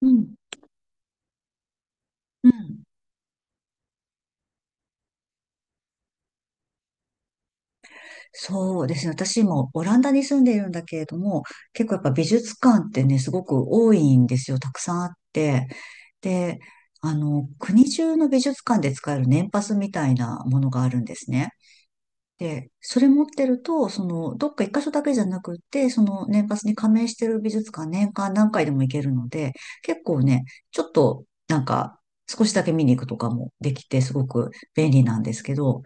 うん。うん。そうですね。私もオランダに住んでいるんだけれども、結構やっぱ美術館ってね、すごく多いんですよ。たくさんあって。で、国中の美術館で使える年パスみたいなものがあるんですね。で、それ持ってると、どっか一箇所だけじゃなくって、その年パスに加盟してる美術館年間何回でも行けるので、結構ね、ちょっと、なんか、少しだけ見に行くとかもできて、すごく便利なんですけど、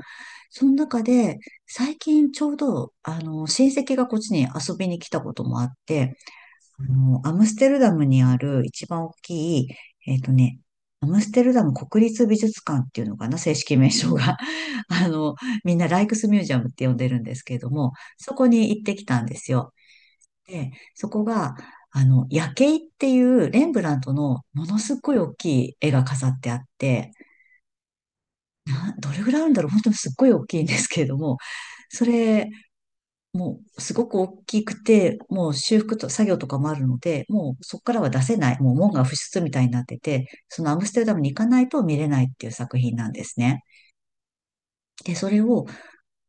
その中で、最近ちょうど、親戚がこっちに遊びに来たこともあって、アムステルダムにある一番大きい、えっとね、アムステルダム国立美術館っていうのかな、正式名称が。あの、みんなライクスミュージアムって呼んでるんですけれども、そこに行ってきたんですよ。で、そこが、夜景っていうレンブラントのものすごい大きい絵が飾ってあって、どれぐらいあるんだろう、本当にすっごい大きいんですけれども、それ、もうすごく大きくて、もう修復と作業とかもあるので、もうそこからは出せない、もう門が不出みたいになってて、そのアムステルダムに行かないと見れないっていう作品なんですね。で、それを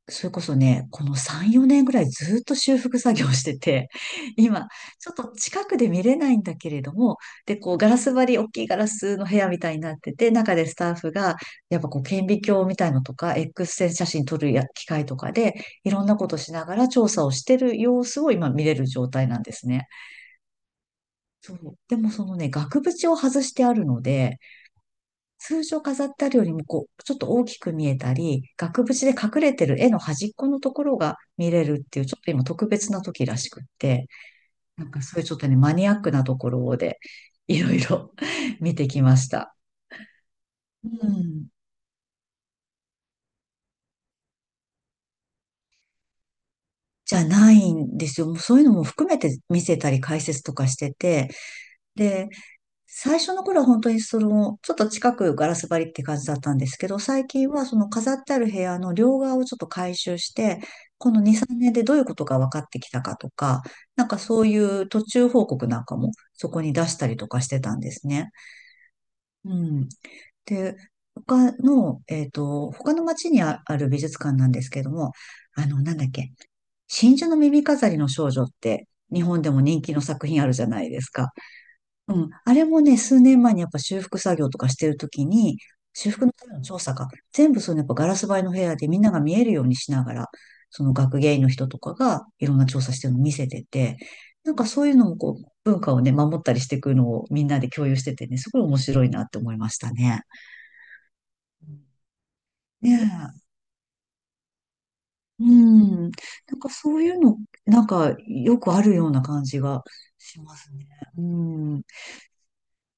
それこそね、この3、4年ぐらいずっと修復作業してて、今、ちょっと近くで見れないんだけれども、で、こう、ガラス張り、大きいガラスの部屋みたいになってて、中でスタッフが、やっぱこう、顕微鏡みたいのとか、X 線写真撮るや機械とかで、いろんなことしながら調査をしてる様子を今見れる状態なんですね。そう。でもそのね、額縁を外してあるので、通常飾ってあるよりも、こう、ちょっと大きく見えたり、額縁で隠れてる絵の端っこのところが見れるっていう、ちょっと今特別な時らしくって、なんかそういうちょっとね、マニアックなところで、いろいろ 見てきました。うん。じゃないんですよ。もうそういうのも含めて見せたり解説とかしてて、最初の頃は本当にその、ちょっと近くガラス張りって感じだったんですけど、最近はその飾ってある部屋の両側をちょっと改修して、この2、3年でどういうことが分かってきたかとか、なんかそういう途中報告なんかもそこに出したりとかしてたんですね。うん。で、他の、えっと、他の町にある美術館なんですけども、なんだっけ、真珠の耳飾りの少女って日本でも人気の作品あるじゃないですか。うん。あれもね、数年前にやっぱ修復作業とかしてるときに、修復のための調査か、全部そのやっぱガラス張りの部屋でみんなが見えるようにしながら、その学芸員の人とかがいろんな調査してるのを見せてて、なんかそういうのもこう、文化をね、守ったりしていくのをみんなで共有しててね、すごい面白いなって思いましたね。ねえ。うん。なんかそういうの、なんかよくあるような感じがしますね。うん。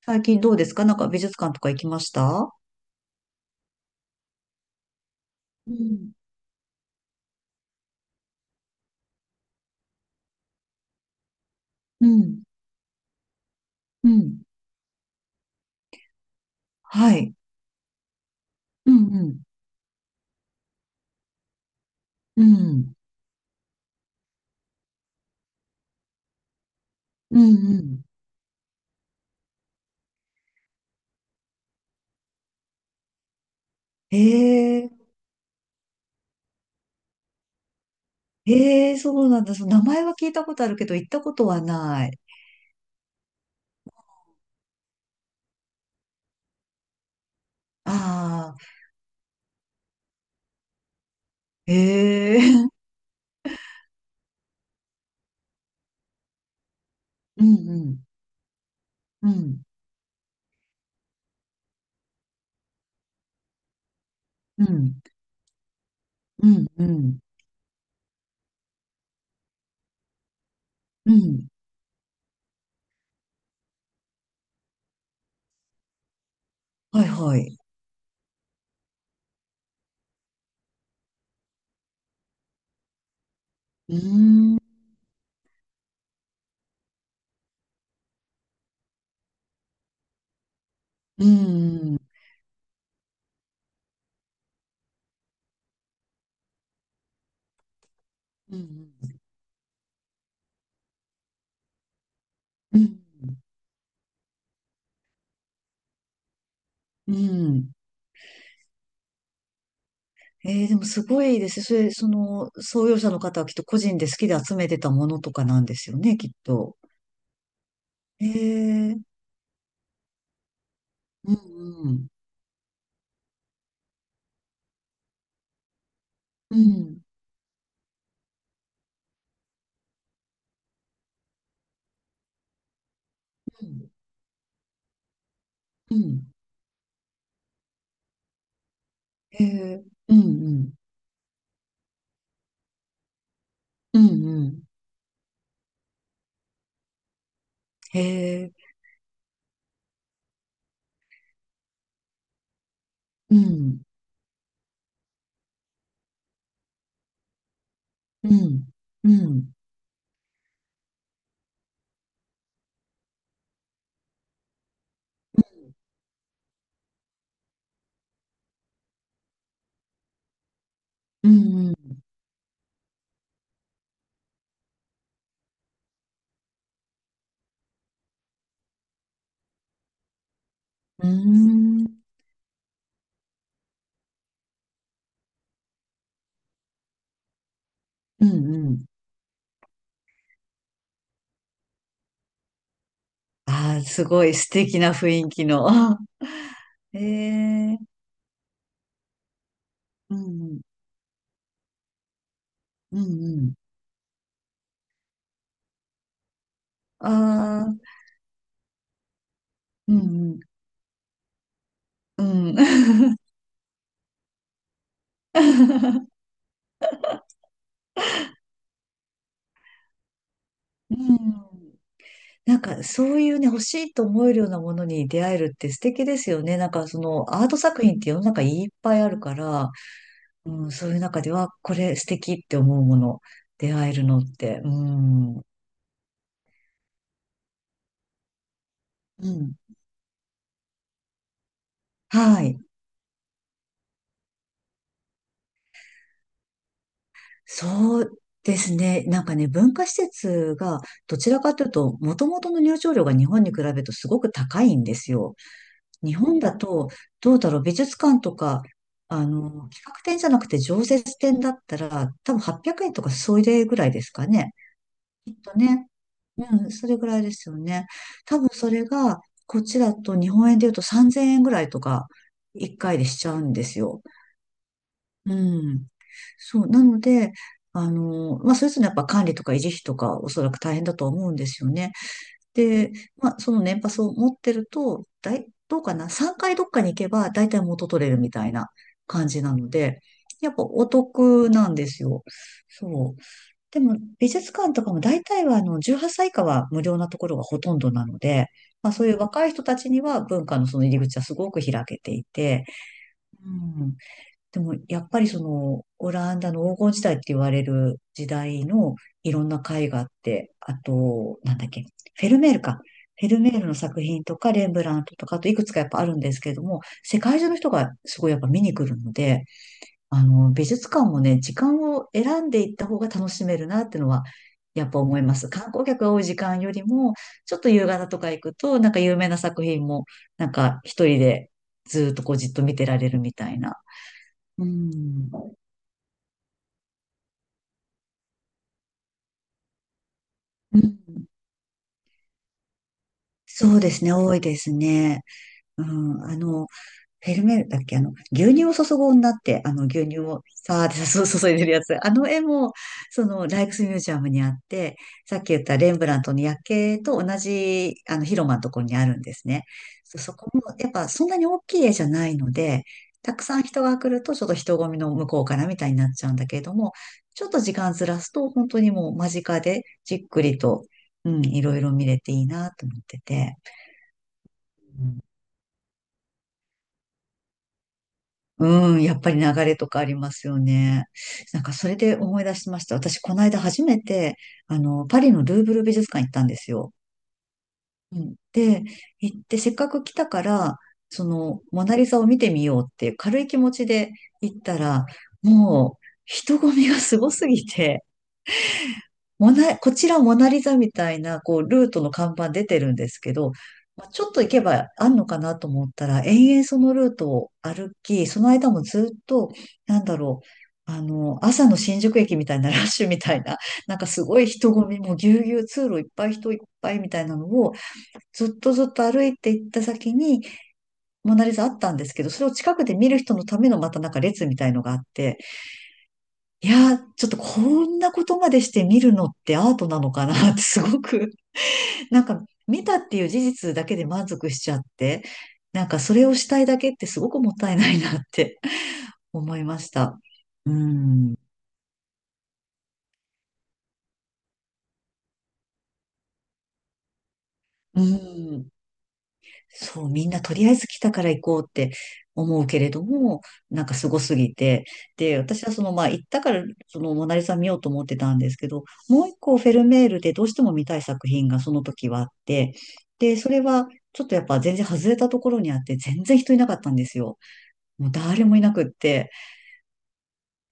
最近どうですか？なんか美術館とか行きました？うんうん、うん、はい。うん、うん、うん、うん、うん。へえ、へえ、そうなんだ。その名前は聞いたことあるけど、行ったことはない。ああ、へえ、うん、うん、うん、うん、うん、うん、うん、はい、はい。うーん、うん、うん、うん、うん。えー、でもすごいですね。それ、その、創業者の方はきっと個人で好きで集めてたものとかなんですよね、きっと。へえー、うん、うん。うん、うん、うん、へえ、うん、うん、うんうん、へえ、うん、うん、うん、うん、うん、うーん、うん、うん、ああ、すごい素敵な雰囲気の。あへえ、うん、うん、うんうん、ああ、うんうん、うん。うん、なんかそういうね、欲しいと思えるようなものに出会えるって素敵ですよね。なんかそのアート作品って世の中いっぱいあるから、うん、そういう中では、これ素敵って思うもの、出会えるのって、うん、うん、はい。そうですね。なんかね、文化施設が、どちらかというと、もともとの入場料が日本に比べるとすごく高いんですよ。日本だと、どうだろう、美術館とか、企画展じゃなくて常設展だったら、多分800円とかそれぐらいですかね。きっとね。うん、それぐらいですよね。多分それが、こっちだと日本円で言うと3000円ぐらいとか、1回でしちゃうんですよ。うん。そう。なので、それぞれやっぱ管理とか維持費とか、おそらく大変だとは思うんですよね。で、まあ、その年パスを持ってると、どうかな？ 3 回どっかに行けば、だいたい元取れるみたいな感じなので、やっぱお得なんですよ。そう。でも、美術館とかも大体は、18歳以下は無料なところがほとんどなので、まあ、そういう若い人たちには文化のその入り口はすごく開けていて、うん。でも、やっぱりその、オランダの黄金時代って言われる時代のいろんな絵画って、あと、なんだっけ、フェルメールか。フェルメールの作品とか、レンブラントとか、あといくつかやっぱあるんですけれども、世界中の人がすごいやっぱ見に来るので、美術館もね、時間を選んでいった方が楽しめるなってのは、やっぱ思います。観光客が多い時間よりも、ちょっと夕方とか行くと、なんか有名な作品も、なんか一人でずっとこうじっと見てられるみたいな。うん。うんそうですね、多いですね。うん、フェルメールだっけ牛乳を注ぐ女って、牛乳をさーって注いでるやつ。あの絵も、その、ライクスミュージアムにあって、さっき言ったレンブラントの夜景と同じ、広間のところにあるんですね。そこも、やっぱそんなに大きい絵じゃないので、たくさん人が来ると、ちょっと人混みの向こうからみたいになっちゃうんだけれども、ちょっと時間ずらすと、本当にもう間近でじっくりと、うん、いろいろ見れていいなと思ってて。うん、やっぱり流れとかありますよね。なんかそれで思い出しました。私、この間初めて、パリのルーブル美術館行ったんですよ。うん、で、行って、せっかく来たから、その、モナリザを見てみようっていう軽い気持ちで行ったら、もう、人混みがすごすぎて、こちらモナリザみたいな、こう、ルートの看板出てるんですけど、まあ、ちょっと行けばあんのかなと思ったら、延々そのルートを歩き、その間もずっと、なんだろう、朝の新宿駅みたいなラッシュみたいな、なんかすごい人混みもぎゅうぎゅう通路いっぱい人いっぱいみたいなのを、ずっとずっと歩いて行った先に、モナリザあったんですけど、それを近くで見る人のためのまたなんか列みたいのがあって、いやー、ちょっとこんなことまでして見るのってアートなのかなって すごく、なんか見たっていう事実だけで満足しちゃって、なんかそれをしたいだけってすごくもったいないなって思いました。うん。うん。そう、みんなとりあえず来たから行こうって思うけれども、なんかすごすぎて。で、私はその、まあ、行ったから、その、モナリザ見ようと思ってたんですけど、もう一個フェルメールでどうしても見たい作品がその時はあって、で、それは、ちょっとやっぱ全然外れたところにあって、全然人いなかったんですよ。もう誰もいなくって。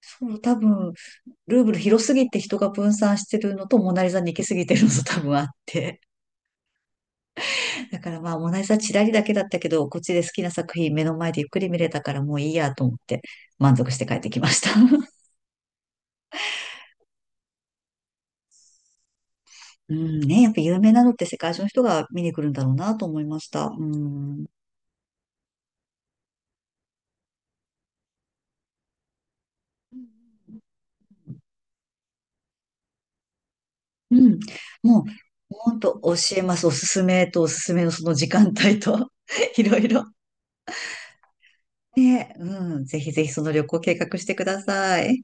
そう、多分、ルーブル広すぎて人が分散してるのと、モナリザに行きすぎてるのと多分あって。だからまあ、モナリザチラリだけだったけど、こっちで好きな作品目の前でゆっくり見れたからもういいやと思って満足して帰ってきました。うんね、やっぱ有名なのって世界中の人が見に来るんだろうなと思いました。うん。うん。もう、ほんと教えます。おすすめとおすすめのその時間帯と、いろいろ。ね、うん。ぜひぜひその旅行計画してください。